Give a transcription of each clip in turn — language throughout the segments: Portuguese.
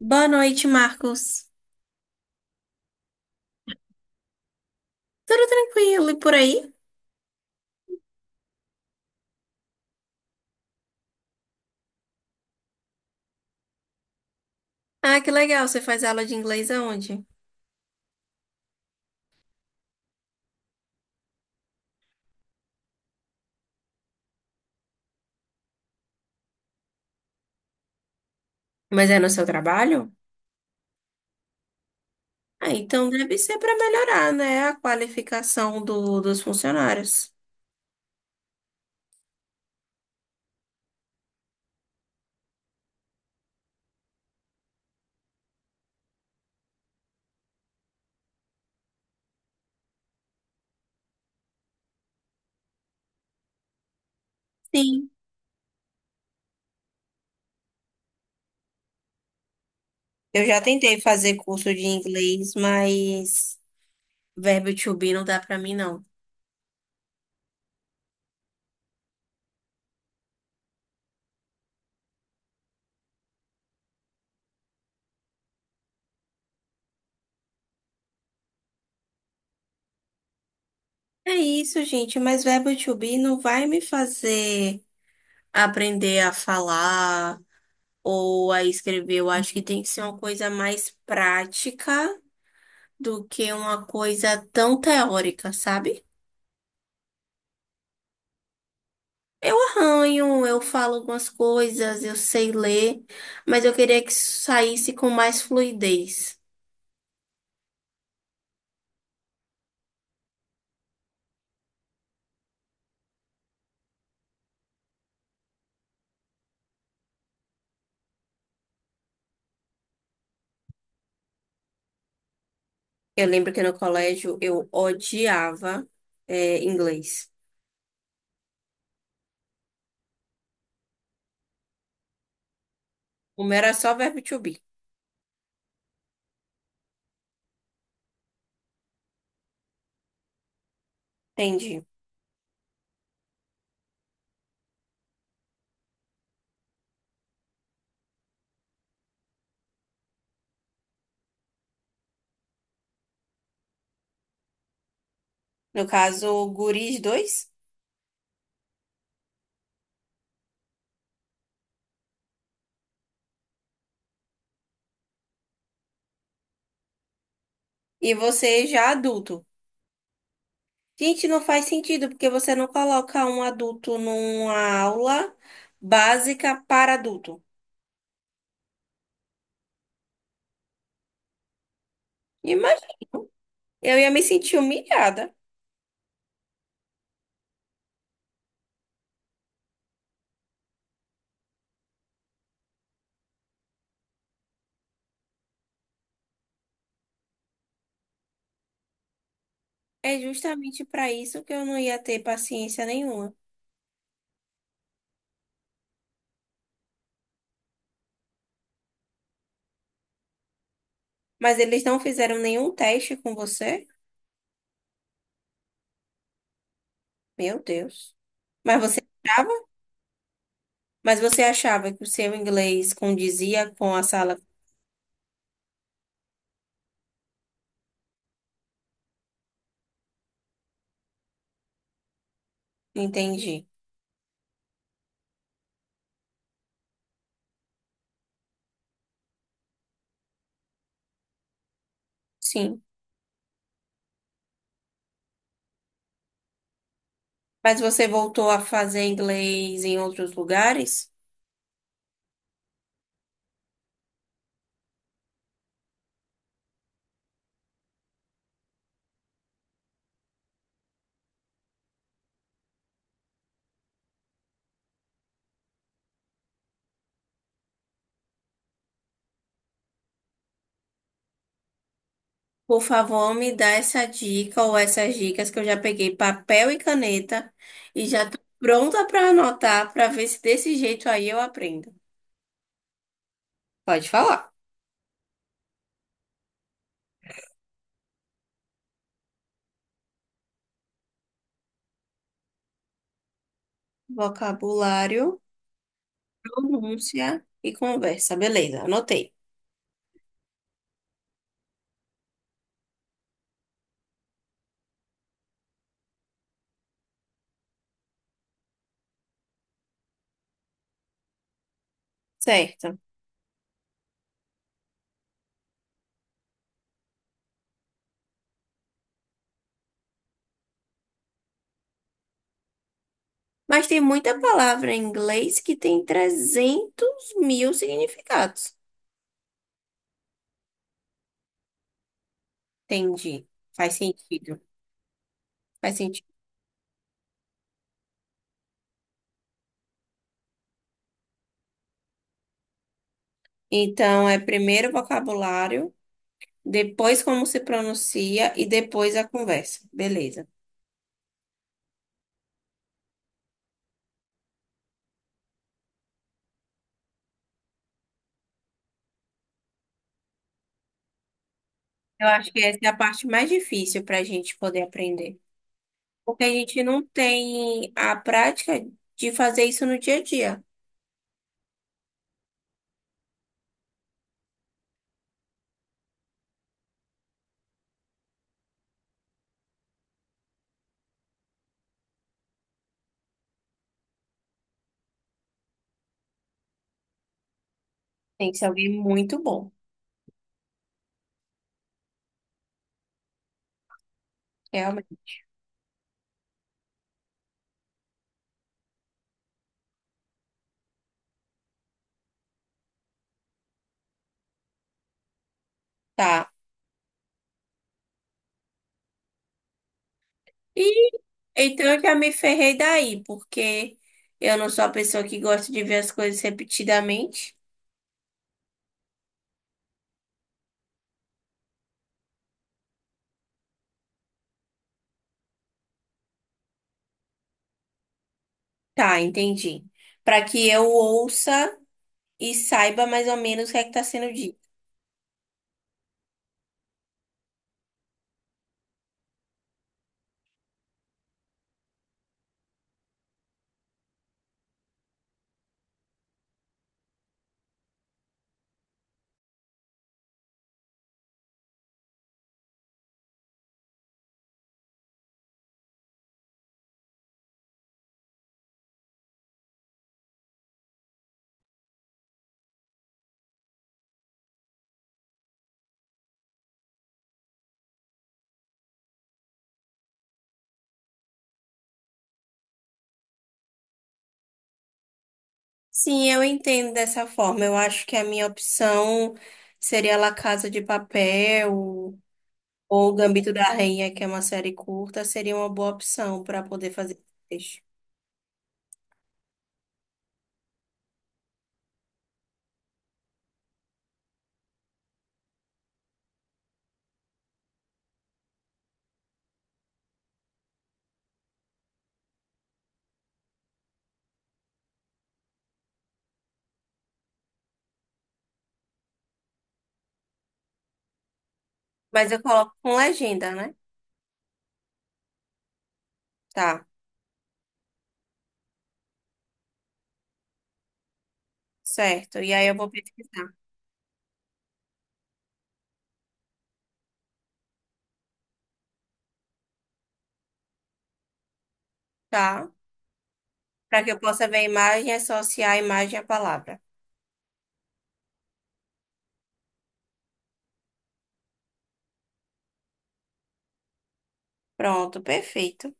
Boa noite, Marcos. Tudo tranquilo e por aí? Ah, que legal, você faz aula de inglês aonde? Mas é no seu trabalho? Ah, então deve ser para melhorar, né, a qualificação dos funcionários. Sim. Eu já tentei fazer curso de inglês, mas verbo to be não dá para mim, não. É isso, gente, mas verbo to be não vai me fazer aprender a falar ou a escrever. Eu acho que tem que ser uma coisa mais prática do que uma coisa tão teórica, sabe? Eu arranho, eu falo algumas coisas, eu sei ler, mas eu queria que isso saísse com mais fluidez. Eu lembro que no colégio eu odiava, é, inglês. O meu era só verbo to be. Entendi. No caso, guris dois e você já adulto. Gente, não faz sentido, porque você não coloca um adulto numa aula básica para adulto. Imagina, eu ia me sentir humilhada. É justamente para isso que eu não ia ter paciência nenhuma. Mas eles não fizeram nenhum teste com você? Meu Deus. Mas você achava? Mas você achava que o seu inglês condizia com a sala? Entendi. Sim. Mas você voltou a fazer inglês em outros lugares? Por favor, me dá essa dica ou essas dicas que eu já peguei papel e caneta e já tô pronta para anotar para ver se desse jeito aí eu aprendo. Pode falar. Vocabulário. Pronúncia e conversa. Beleza, anotei. Certo. Mas tem muita palavra em inglês que tem 300 mil significados. Entendi. Faz sentido. Faz sentido. Então, é primeiro o vocabulário, depois como se pronuncia e depois a conversa. Beleza. Eu acho que essa é a parte mais difícil para a gente poder aprender. Porque a gente não tem a prática de fazer isso no dia a dia. Tem que ser alguém muito bom, realmente. Tá. E então eu já me ferrei daí, porque eu não sou a pessoa que gosta de ver as coisas repetidamente. Tá, entendi. Para que eu ouça e saiba mais ou menos o que é que tá sendo dito. Sim, eu entendo dessa forma. Eu acho que a minha opção seria La Casa de Papel ou Gambito da Rainha, que é uma série curta, seria uma boa opção para poder fazer esse texto. Mas eu coloco com legenda, né? Tá, certo. E aí eu vou pesquisar. Tá. Para que eu possa ver a imagem, e associar a imagem à palavra. Pronto, perfeito.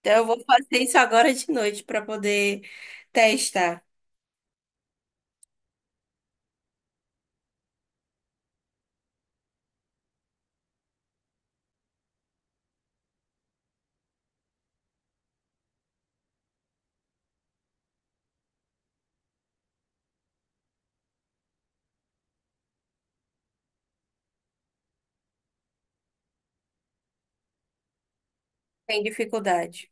Então eu vou fazer isso agora de noite para poder testar. Tem dificuldade.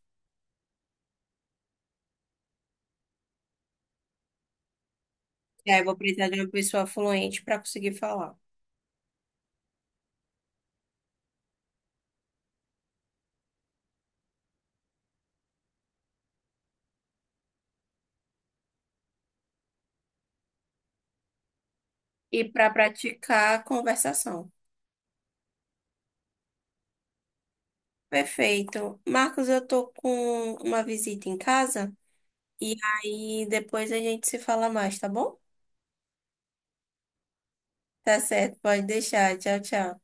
E aí eu vou precisar de uma pessoa fluente para conseguir falar. E para praticar a conversação. Perfeito. Marcos, eu tô com uma visita em casa e aí depois a gente se fala mais, tá bom? Tá certo, pode deixar. Tchau, tchau.